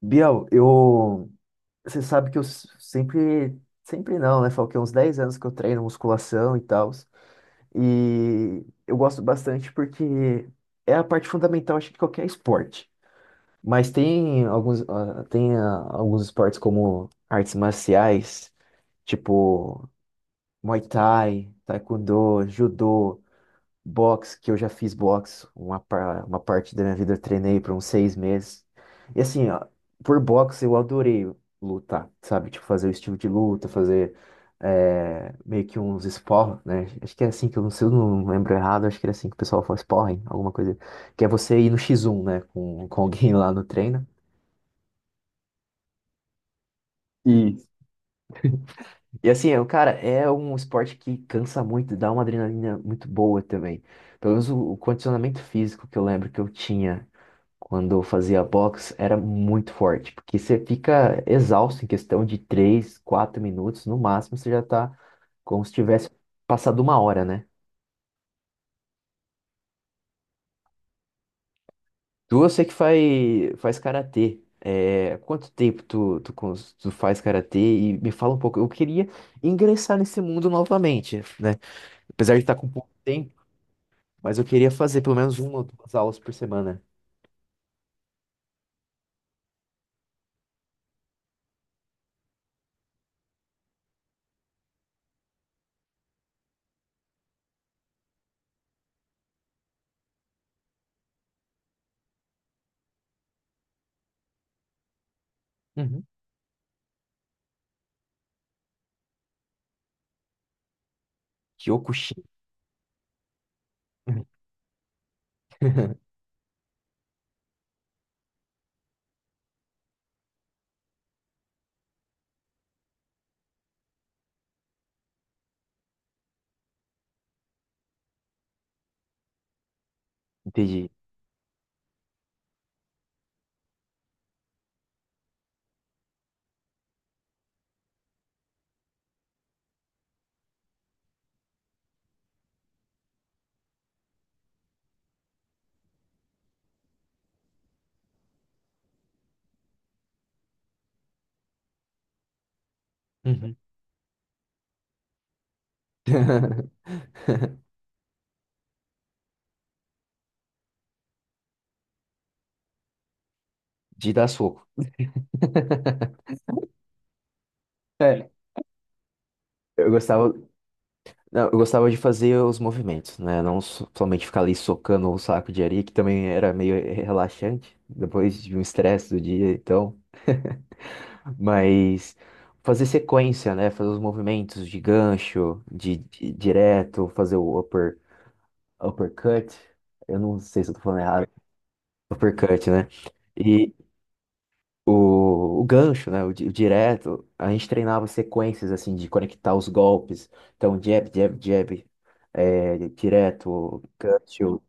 Biel, você sabe que eu sempre, não, né? Falou que é uns 10 anos que eu treino musculação e tal. E eu gosto bastante porque é a parte fundamental, acho, de qualquer esporte. Mas tem alguns, tem alguns esportes como artes marciais, tipo Muay Thai, Taekwondo, Judô, boxe, que eu já fiz boxe, uma parte da minha vida eu treinei por uns 6 meses. E assim, ó, por boxe eu adorei lutar, sabe? Tipo, fazer o estilo de luta, fazer meio que uns sparring, né? Acho que é assim que eu não sei, eu não lembro errado, acho que era assim que o pessoal fala sparring, alguma coisa. Que é você ir no X1, né? Com alguém lá no treino. E E assim, é, cara, é um esporte que cansa muito, dá uma adrenalina muito boa também. Pelo menos o condicionamento físico que eu lembro que eu tinha quando eu fazia box, era muito forte, porque você fica exausto em questão de 3 4 minutos, no máximo você já tá como se tivesse passado 1 hora, né? Eu sei que faz, faz karatê. É, quanto tempo tu faz karatê? E me fala um pouco. Eu queria ingressar nesse mundo novamente, né? Apesar de estar com pouco tempo, mas eu queria fazer pelo menos uma ou duas aulas por semana. Uhum. Kyokushin. Entendi. Uhum. De dar soco. Eu gostava, não, eu gostava de fazer os movimentos, né? Não so- Somente ficar ali socando o saco de areia, que também era meio relaxante depois de um estresse do dia, então. Mas fazer sequência, né? Fazer os movimentos de gancho, direto, fazer o upper, uppercut. Eu não sei se eu tô falando errado. Uppercut, né? O gancho, né? O direto, a gente treinava sequências assim de conectar os golpes. Então, jab, jab, jab, é, direto, gancho.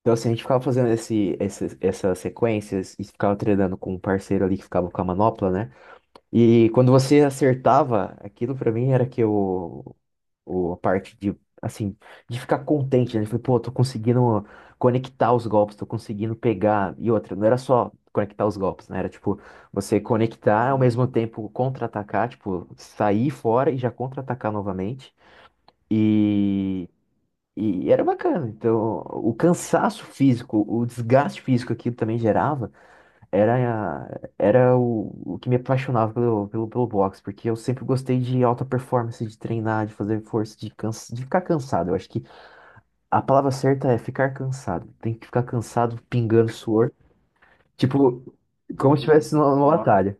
Então, assim, a gente ficava fazendo essas sequências e ficava treinando com um parceiro ali que ficava com a manopla, né? E quando você acertava, aquilo pra mim era que a parte de, assim, de ficar contente, né? Falei, pô, tô conseguindo conectar os golpes, tô conseguindo pegar. E outra, não era só conectar os golpes, né? Era tipo, você conectar ao mesmo tempo contra-atacar, tipo, sair fora e já contra-atacar novamente. E, e era bacana. Então, o cansaço físico, o desgaste físico que aquilo também gerava. Era, era o que me apaixonava pelo boxe, porque eu sempre gostei de alta performance, de treinar, de fazer força, de, cansa, de ficar cansado. Eu acho que a palavra certa é ficar cansado. Tem que ficar cansado, pingando suor, tipo, como se estivesse numa batalha.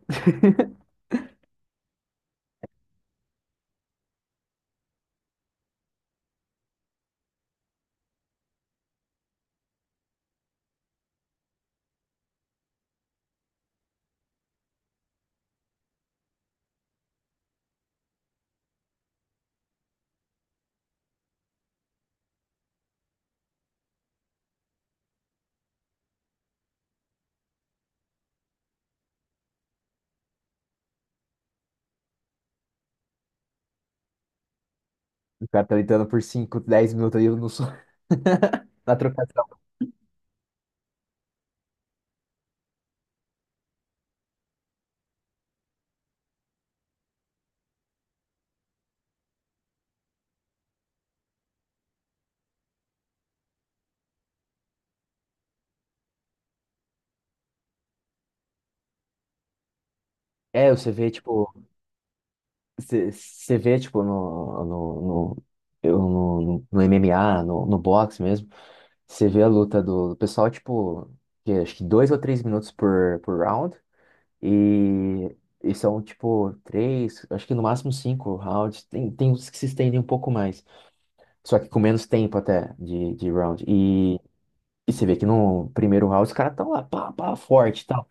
O cara tá lutando por 5 10 minutos aí no suor, na troca. É, você vê, tipo, você vê, tipo, no MMA, no boxe mesmo, você vê a luta do pessoal, tipo, que acho que dois ou 3 minutos por round, e, e são, tipo, três, acho que no máximo 5 rounds, tem uns que se estendem um pouco mais. Só que com menos tempo até de round. E você vê que no primeiro round os caras estão lá, pá, pá, forte e tal.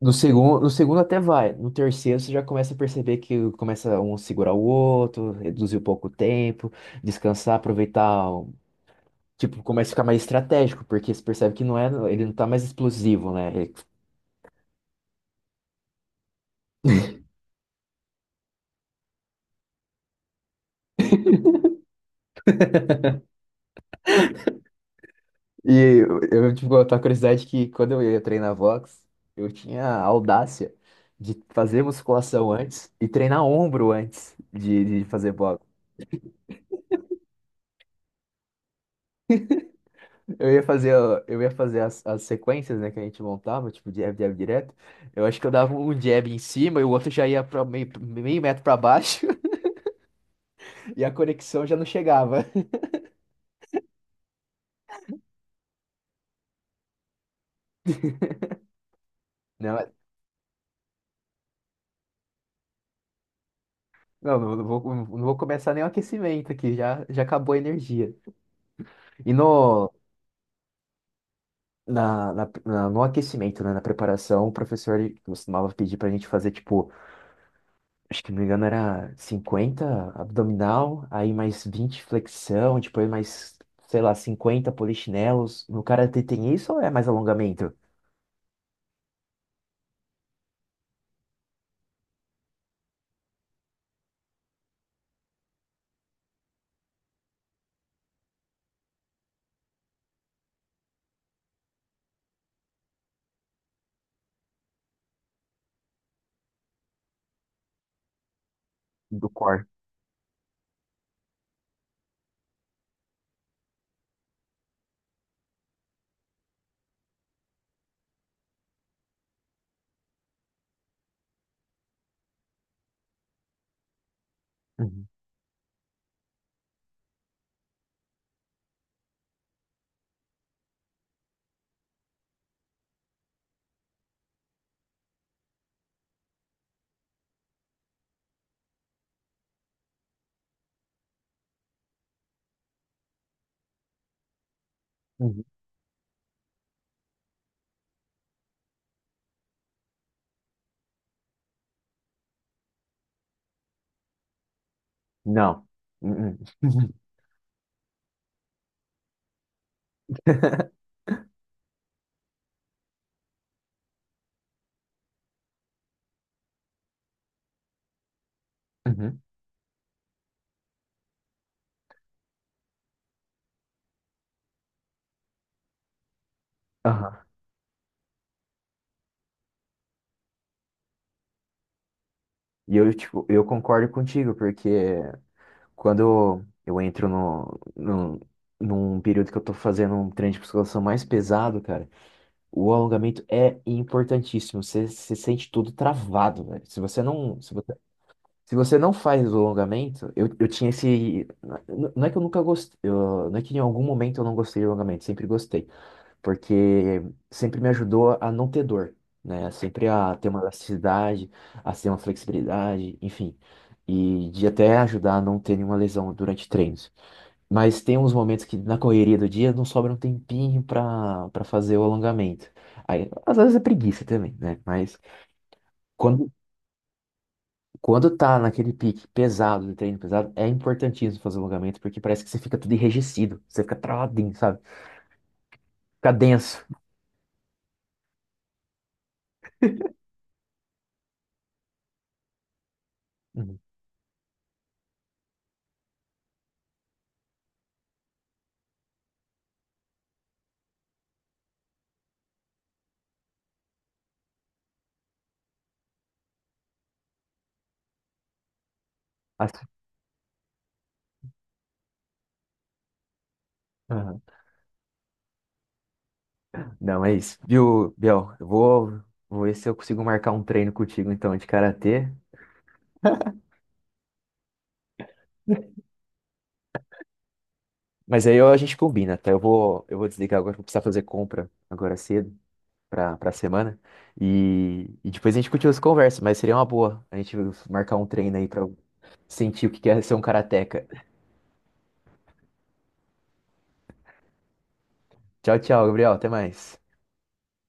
No segundo até vai. No terceiro você já começa a perceber que começa um a segurar o outro, reduzir um pouco o tempo, descansar, aproveitar. Tipo, começa a ficar mais estratégico, porque você percebe que não é, ele não tá mais explosivo, né? Ele- E eu, eu tive a curiosidade que quando eu ia treinar Vox, eu tinha a audácia de fazer musculação antes e treinar ombro antes de fazer boxe. Eu ia fazer, eu ia fazer as sequências, né, que a gente montava, tipo jab, jab direto. Eu acho que eu dava um jab em cima e o outro já ia para 0,5 metro para baixo e a conexão já não chegava. Não, não vou começar nem o aquecimento aqui, já acabou a energia. E no aquecimento, né, na preparação, o professor ele costumava pedir pra gente fazer, tipo, acho que não me engano era 50 abdominal, aí mais 20 flexão, depois mais, sei lá, 50 polichinelos. No karatê tem isso ou é mais alongamento do core? Uhum, uhum. Não. Uhum. Uhum. Aham. E eu, tipo, eu concordo contigo, porque quando eu entro no, no, num período que eu tô fazendo um treino de musculação mais pesado, cara, o alongamento é importantíssimo. Você se sente tudo travado, velho. Se você não, se se você não faz o alongamento, eu tinha esse. Não é que eu nunca gostei. Não é que em algum momento eu não gostei do alongamento, sempre gostei. Porque sempre me ajudou a não ter dor, né? Sempre a ter uma elasticidade, a ter uma flexibilidade, enfim. E de até ajudar a não ter nenhuma lesão durante treinos. Mas tem uns momentos que na correria do dia não sobra um tempinho para fazer o alongamento. Aí, às vezes é preguiça também, né? Mas quando quando tá naquele pique pesado, de treino pesado, é importantíssimo fazer alongamento, porque parece que você fica tudo enrijecido, você fica travadinho, sabe? Fica denso. Uhum. Mas. Aham. Não, é isso. Viu, Biel? Vou ver se eu consigo marcar um treino contigo, então, de karatê. Mas aí ó, a gente combina, tá? Eu vou desligar agora, vou precisar fazer compra agora cedo, pra semana. E depois a gente continua essa conversa, mas seria uma boa a gente marcar um treino aí pra sentir o que que é ser um karateca. Tchau, tchau, Gabriel. Até mais.